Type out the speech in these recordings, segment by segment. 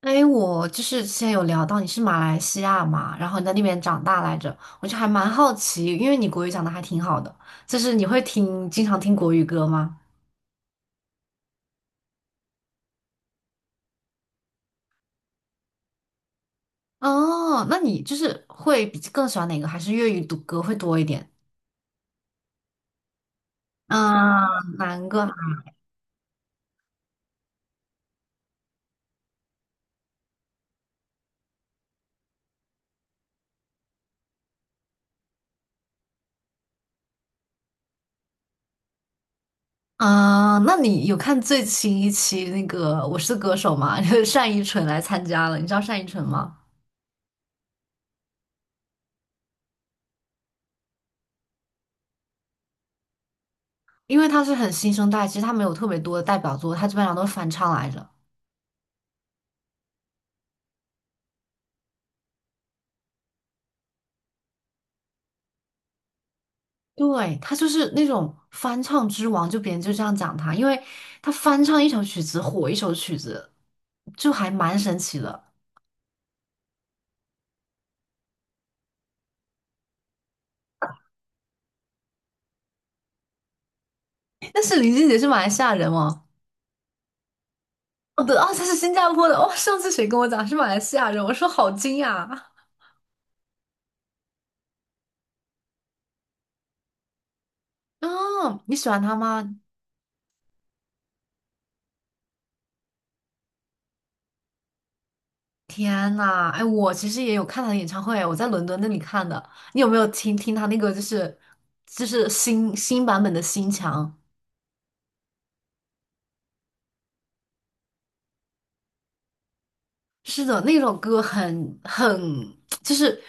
哎，我就是之前有聊到你是马来西亚嘛，然后你在那边长大来着，我就还蛮好奇，因为你国语讲的还挺好的，就是你会听，经常听国语歌吗？哦，那你就是会比更喜欢哪个？还是粤语读歌会多一点？啊，难歌啊，那你有看最新一期那个《我是歌手》吗？就是单依纯来参加了，你知道单依纯吗？因为她是很新生代，其实她没有特别多的代表作，她基本上都是翻唱来着。对，他就是那种翻唱之王，就别人就这样讲他，因为他翻唱一首曲子火一首曲子，就还蛮神奇的。但是林俊杰是马来西亚人哦。哦对，哦他是新加坡的。哦上次谁跟我讲是马来西亚人，我说好惊讶。哦，你喜欢他吗？天呐，哎，我其实也有看他的演唱会，我在伦敦那里看的。你有没有听听他那个就是新版本的《心墙》？是的，那首歌很就是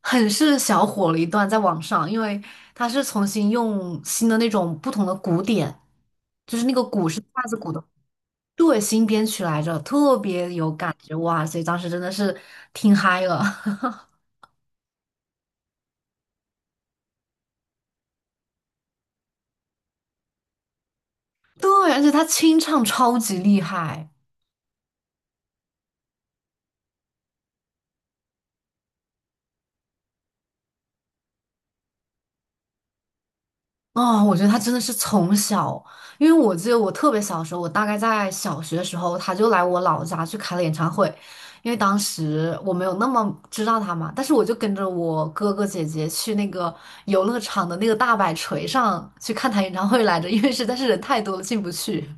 很是小火了一段在网上，因为它是重新用新的那种不同的鼓点，就是那个鼓是架子鼓的。对，新编曲来着，特别有感觉哇！所以当时真的是听嗨了。对，而且他清唱超级厉害。哦，我觉得他真的是从小，因为我记得我特别小的时候，我大概在小学的时候，他就来我老家去开了演唱会，因为当时我没有那么知道他嘛，但是我就跟着我哥哥姐姐去那个游乐场的那个大摆锤上去看他演唱会来着，因为实在是人太多了进不去。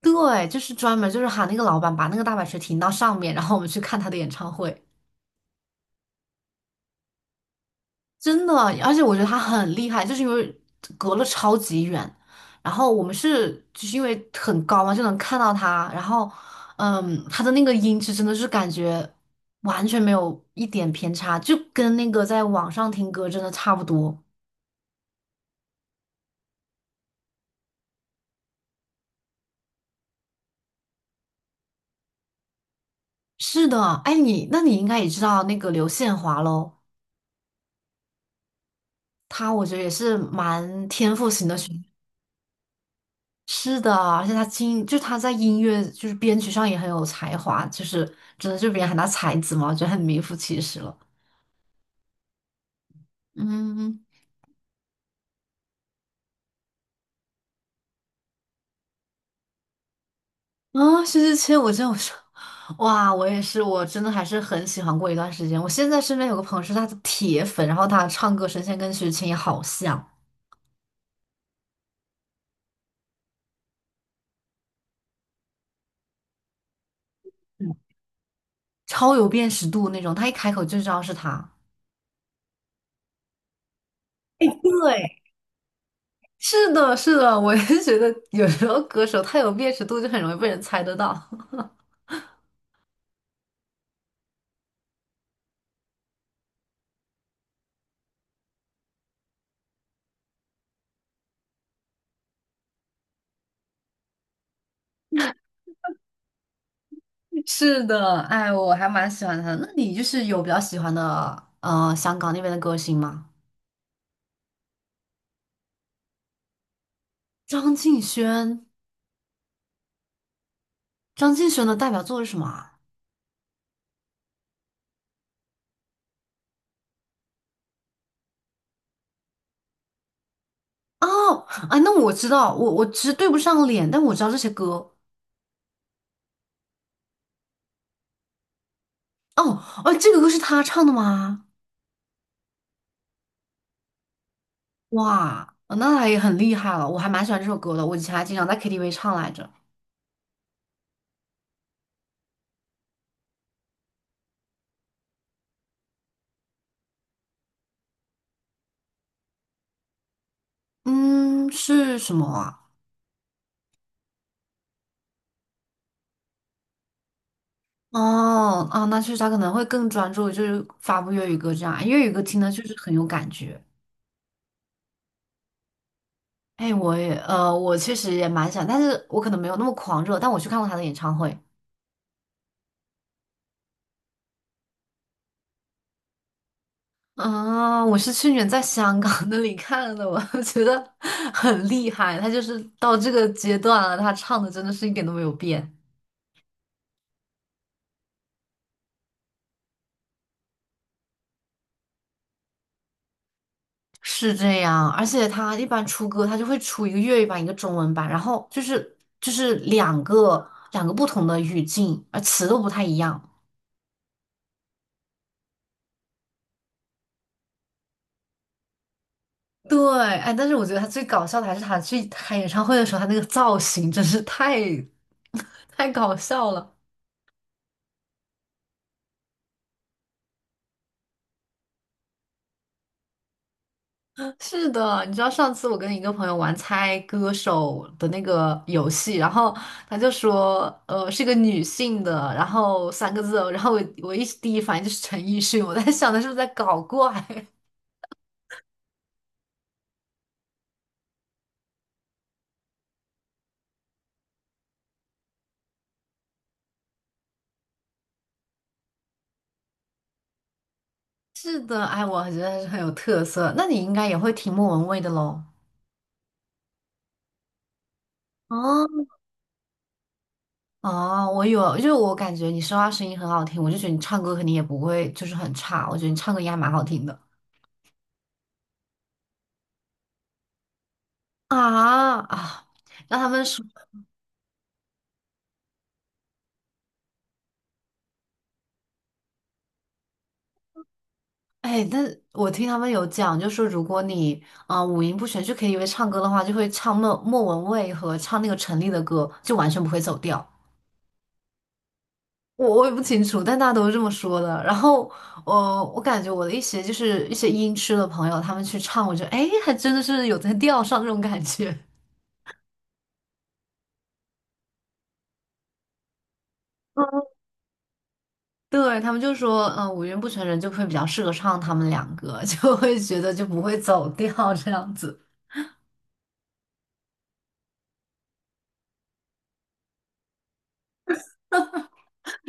对，就是专门就是喊那个老板把那个大摆锤停到上面，然后我们去看他的演唱会。真的，而且我觉得他很厉害，就是因为隔了超级远，然后我们是就是因为很高嘛，就能看到他，然后，嗯，他的那个音质真的是感觉完全没有一点偏差，就跟那个在网上听歌真的差不多。是的。哎，你那你应该也知道那个刘宪华喽，他我觉得也是蛮天赋型的选是的，而且他在音乐就是编曲上也很有才华，就是真的就别人喊他才子嘛，我觉得很名副其实了。嗯。啊，薛之谦，我说，哇，我也是，我真的还是很喜欢过一段时间。我现在身边有个朋友是他的铁粉，然后他唱歌声线跟薛之谦也好像，超有辨识度那种，他一开口就知道是他。对，是的，是的，我也觉得有时候歌手太有辨识度就很容易被人猜得到。是的。哎，我还蛮喜欢他的。那你就是有比较喜欢的香港那边的歌星吗？张敬轩。张敬轩的代表作是什么啊？哦，哎，那我知道，我其实对不上脸，但我知道这些歌。哦。哦，这个歌是他唱的吗？哇，哦那他也很厉害了，我还蛮喜欢这首歌的，我以前还经常在 KTV 唱来着。嗯，是什么啊？哦，啊，那确实他可能会更专注，就是发布粤语歌这样，粤语歌听的确实很有感觉。哎，我也，我确实也蛮想，但是我可能没有那么狂热，但我去看过他的演唱会。啊，我是去年在香港那里看的，我 觉得很厉害。他就是到这个阶段了，他唱的真的是一点都没有变。是这样，而且他一般出歌，他就会出一个粤语版，一个中文版，然后就是两个不同的语境，而词都不太一样。对。哎，但是我觉得他最搞笑的还是他去开演唱会的时候，他那个造型真是太搞笑了。是的。你知道上次我跟一个朋友玩猜歌手的那个游戏，然后他就说，是个女性的，然后三个字哦然后我第一反应就是陈奕迅，我在想他是不是在搞怪？是的。哎，我觉得还是很有特色。那你应该也会听莫文蔚的喽。哦，哦，我有，就是我感觉你说话声音很好听，我就觉得你唱歌肯定也不会就是很差，我觉得你唱歌应该蛮好听的。啊啊。让他们说。哎，但我听他们有讲，就说如果你五音不全去 KTV 唱歌的话，就会唱莫文蔚和唱那个陈粒的歌，就完全不会走调。我也不清楚，但大家都是这么说的。然后我我感觉我的一些就是一些音痴的朋友，他们去唱，我觉得哎，还真的是有在调上这种感觉。对，他们就说，嗯、五音不全人就会比较适合唱他们两个，就会觉得就不会走调这样子。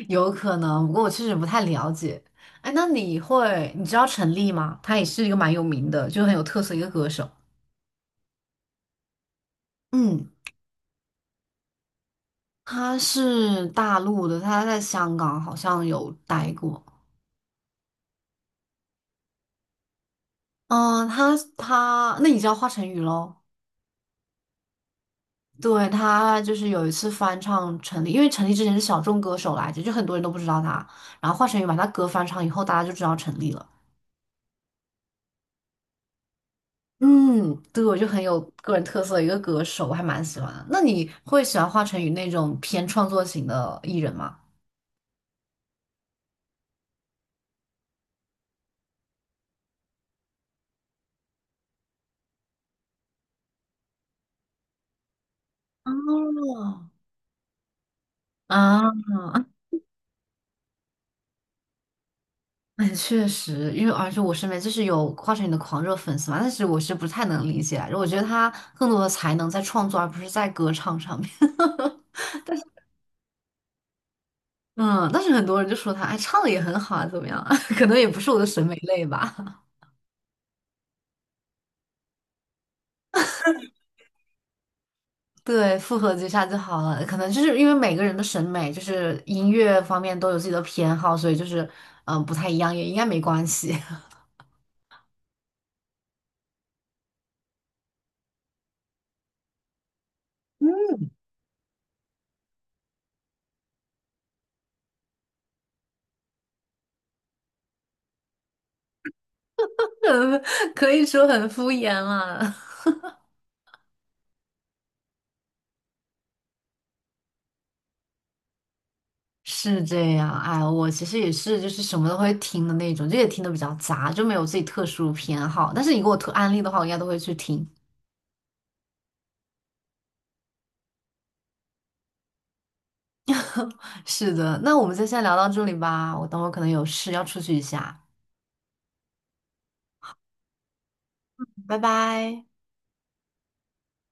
有可能，不过我确实不太了解。哎，那你会，你知道陈粒吗？他也是一个蛮有名的，就很有特色一个歌手。嗯，他是大陆的，他在香港好像有待过。嗯，那你知道华晨宇喽？对，他就是有一次翻唱陈粒，因为陈粒之前是小众歌手来着，就很多人都不知道他。然后华晨宇把他歌翻唱以后，大家就知道陈粒了。嗯，对，我就很有个人特色的一个歌手，我还蛮喜欢的。那你会喜欢华晨宇那种偏创作型的艺人吗？哦，啊，哎确实，因为而且我身边就是有华晨宇的狂热粉丝嘛，但是我是不太能理解来着我觉得他更多的才能在创作，而不是在歌唱上面。嗯，但是很多人就说他，哎，唱的也很好啊，怎么样啊 可能也不是我的审美类吧。对，复合几下就好了。可能就是因为每个人的审美，就是音乐方面都有自己的偏好，所以就是不太一样，也应该没关系。嗯，可以说很敷衍了。是这样，哎，我其实也是，就是什么都会听的那种，就也听的比较杂，就没有自己特殊偏好。但是你给我推安利的话，我应该都会去听。是的。那我们就先聊到这里吧，我等会儿可能有事要出去一下。拜拜。